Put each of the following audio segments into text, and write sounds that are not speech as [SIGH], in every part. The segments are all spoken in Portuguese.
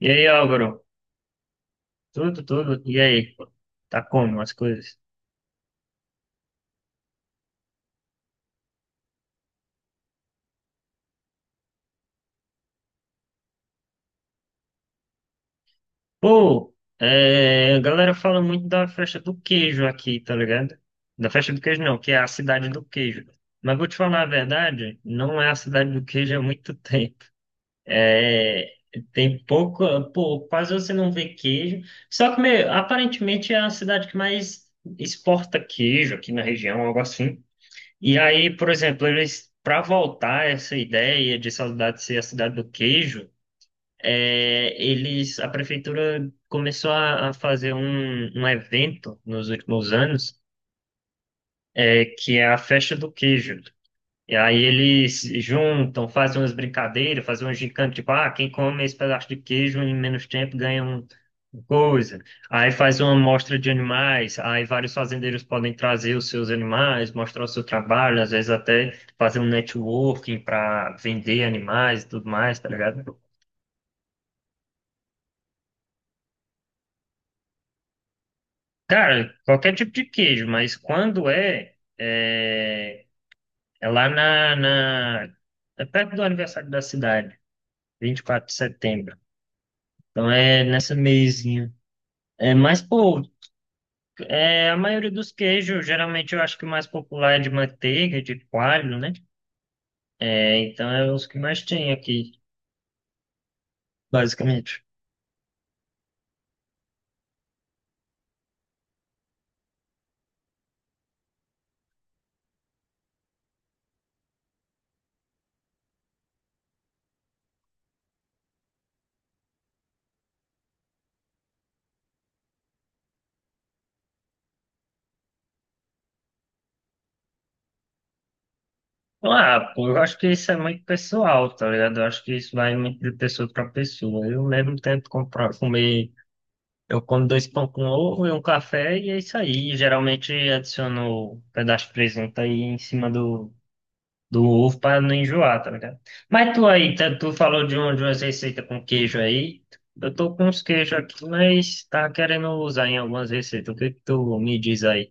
E aí, Álvaro? Tudo, tudo. E aí? Tá como as coisas? Pô, a galera fala muito da festa do queijo aqui, tá ligado? Da festa do queijo não, que é a cidade do queijo. Mas vou te falar a verdade, não é a cidade do queijo há muito [LAUGHS] tempo. É, Tem pouco, pô, quase você não vê queijo. Só que, meu, aparentemente é a cidade que mais exporta queijo aqui na região, algo assim. E aí, por exemplo, eles para voltar essa ideia de Saudade ser a cidade do queijo, eles a prefeitura começou a fazer um evento nos últimos anos que é a Festa do Queijo. E aí eles juntam, fazem umas brincadeiras, fazem um gincana, tipo, ah, quem come esse pedaço de queijo em menos tempo ganha um uma coisa. Aí faz uma amostra de animais, aí vários fazendeiros podem trazer os seus animais, mostrar o seu trabalho, às vezes até fazer um networking para vender animais e tudo mais, tá ligado? Cara, qualquer tipo de queijo, mas quando é lá é perto do aniversário da cidade, 24 de setembro. Então é nessa meizinha. É, mas, pô, a maioria dos queijos, geralmente eu acho que o mais popular é de manteiga, de coalho, né? É, então é os que mais tem aqui, basicamente. Ah, pô, eu acho que isso é muito pessoal, tá ligado? Eu acho que isso vai muito de pessoa para pessoa. Eu mesmo tento comprar, comer. Eu como dois pão com ovo e um café e é isso aí. Geralmente adiciono um pedaço de presunto aí em cima do ovo para não enjoar, tá ligado? Mas tu aí, tu falou de, um, de umas receitas com queijo aí. Eu tô com uns queijos aqui, mas tá querendo usar em algumas receitas. O que que tu me diz aí?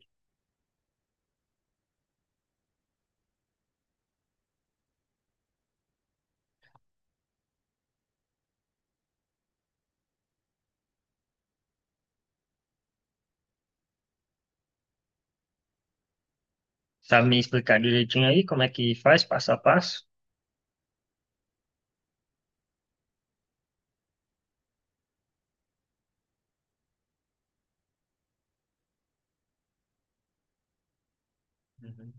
Sabe me explicar direitinho aí como é que faz, passo a passo? Uhum.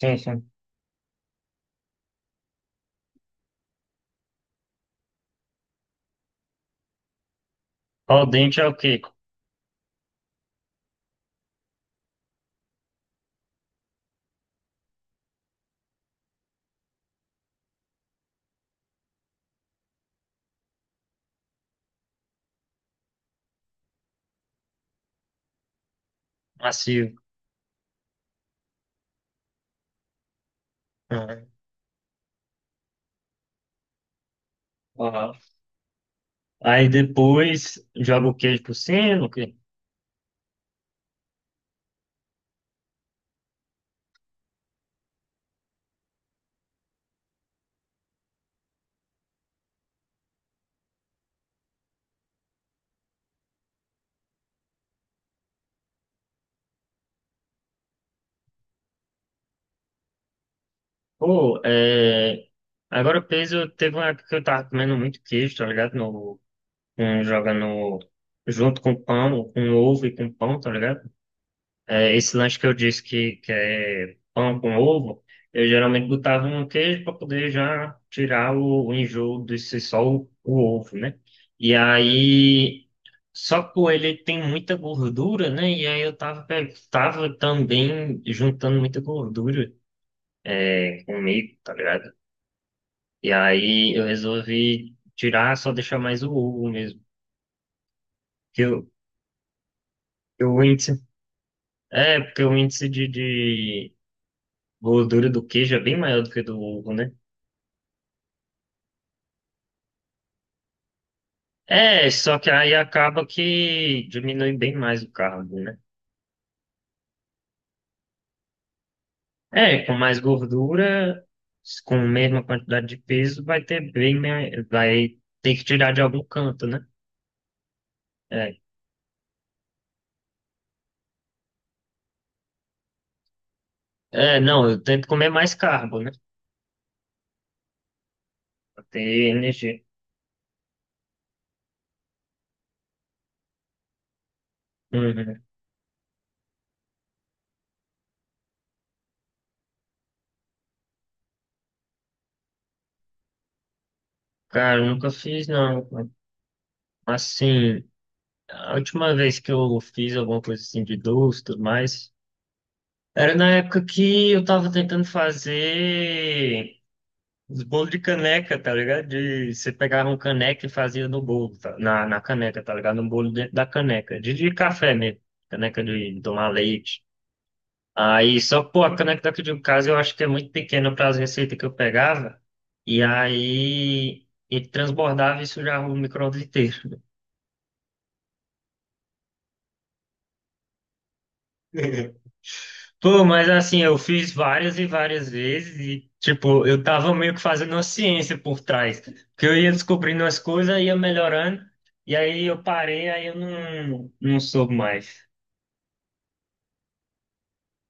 Sim, sim. Ao dente é o quê? Macio. Uhum. Uhum. Aí depois joga o queijo por cima, o quê? Pô, é... Agora o peso, teve uma época que eu tava comendo muito queijo, tá ligado? Um joga no. Junto com pão, com ovo e com pão, tá ligado? É, esse lanche que eu disse que é pão com ovo, eu geralmente botava um queijo para poder já tirar o enjoo de ser só o ovo, né? E aí. Só que o ele tem muita gordura, né? E aí eu tava, tava também juntando muita gordura comigo, tá ligado? E aí eu resolvi tirar, só deixar mais o ovo mesmo. Que eu é, porque o índice de gordura do queijo é bem maior do que do ovo, né? É, só que aí acaba que diminui bem mais o carbo, né? É, com mais gordura, com a mesma quantidade de peso, vai ter bem, vai ter que tirar de algum canto, né? É, não, eu tento comer mais carbo, né? Pra ter energia. Uhum. Cara, eu nunca fiz, não. Assim, a última vez que eu fiz alguma coisa assim de doce, tudo mais. Era na época que eu tava tentando fazer os bolos de caneca, tá ligado? De, você pegava um caneca e fazia no bolo, tá? Na caneca, tá ligado? No bolo dentro da caneca. De café mesmo. Caneca de tomar leite. Aí, só, pô, a caneca daqui de casa eu acho que é muito pequena para as receitas que eu pegava. E aí, ele transbordava e sujava o micro-ondas inteiro. [LAUGHS] Pô, mas assim, eu fiz várias e várias vezes e, tipo, eu tava meio que fazendo uma ciência por trás. Porque eu ia descobrindo as coisas, ia melhorando, e aí eu parei, aí eu não soube mais.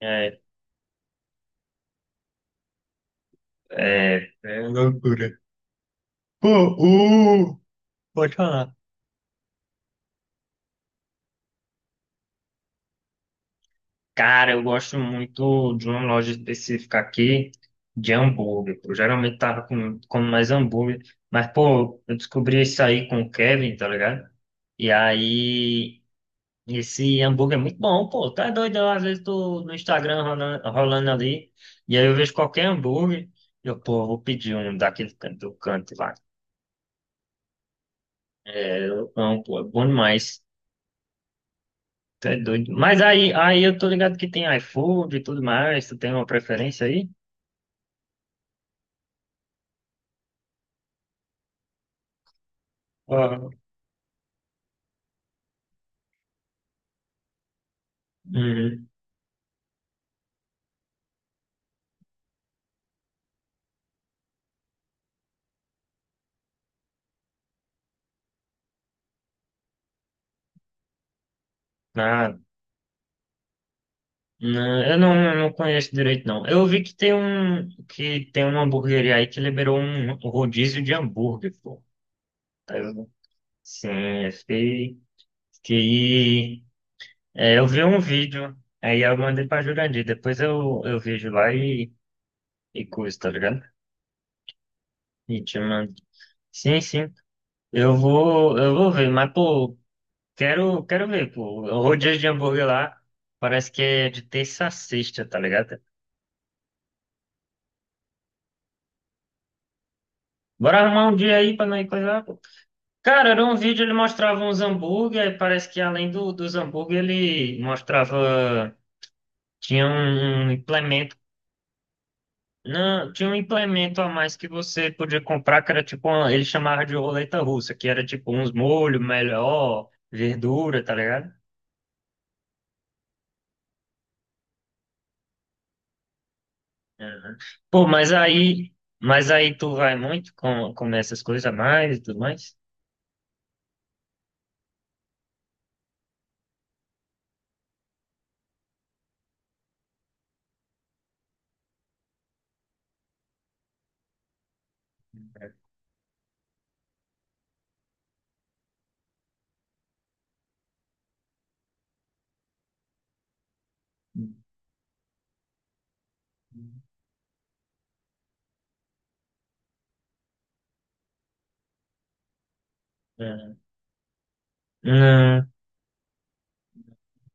É, é loucura. Pô, o... Pode falar. Cara, eu gosto muito de uma loja específica aqui, de hambúrguer. Eu geralmente tava com, como mais hambúrguer, mas, pô, eu descobri isso aí com o Kevin, tá ligado? E aí esse hambúrguer é muito bom, pô. Tá doido, eu, às vezes tô no Instagram rolando ali, e aí eu vejo qualquer hambúrguer, eu, pô, vou pedir um daquele canto, do canto lá. É, eu amo, pô, é bom demais. Tá doido. Mas aí, aí eu tô ligado que tem iFood e tudo mais, tu tem uma preferência aí? Ó, uhum. Ah, não, eu não, eu não conheço direito, não. Eu vi que tem um, que tem uma hamburgueria aí que liberou um rodízio de hambúrguer, pô. Aí eu- sim, eu fiquei. Que é, eu vi um vídeo, aí eu mandei pra Jurandir. Depois eu vejo lá e coisa, tá ligado? E te mando. Sim, sim. Eu vou ver, mas pô, quero ver, pô. O rodízio de hambúrguer lá parece que é de terça a sexta, tá ligado? Bora arrumar um dia aí pra não ir coisa lá, pô. Cara, era um vídeo, ele mostrava uns hambúrguer, aí parece que além dos hambúrguer, ele mostrava. Tinha um implemento não, tinha um implemento a mais que você podia comprar, que era tipo, uma, ele chamava de roleta russa, que era tipo uns molhos melhor, verdura, tá ligado? Aham. Pô, mas aí tu vai muito com essas coisas a mais e tudo mais? Aham. Não,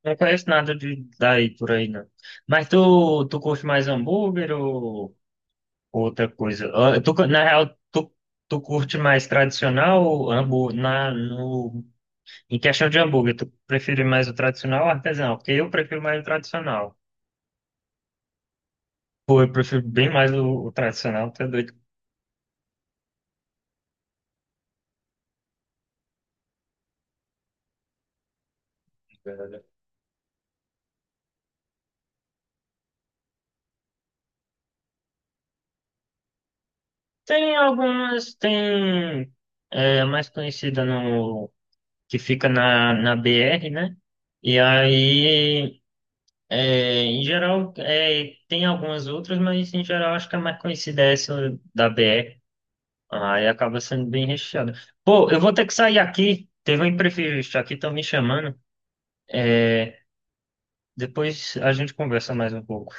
não conheço nada de daí por aí, não. Mas tu curte mais hambúrguer ou outra coisa? Ah, Tu, cu- na real, tu, tu curte mais tradicional ou hambúrguer, na, no em questão de hambúrguer, tu prefere mais o tradicional ou o artesanal? Porque eu prefiro mais o tradicional. Pô, eu prefiro bem mais o tradicional, tá doido. Velho. Tem algumas, tem é, a mais conhecida no que fica na, na BR, né? E aí, é, em geral, é, tem algumas outras, mas em geral acho que a mais conhecida é essa da BR. Aí acaba sendo bem recheada. Pô, eu vou ter que sair aqui. Teve um imprevisto aqui, estão me chamando. É, depois a gente conversa mais um pouco.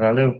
Valeu.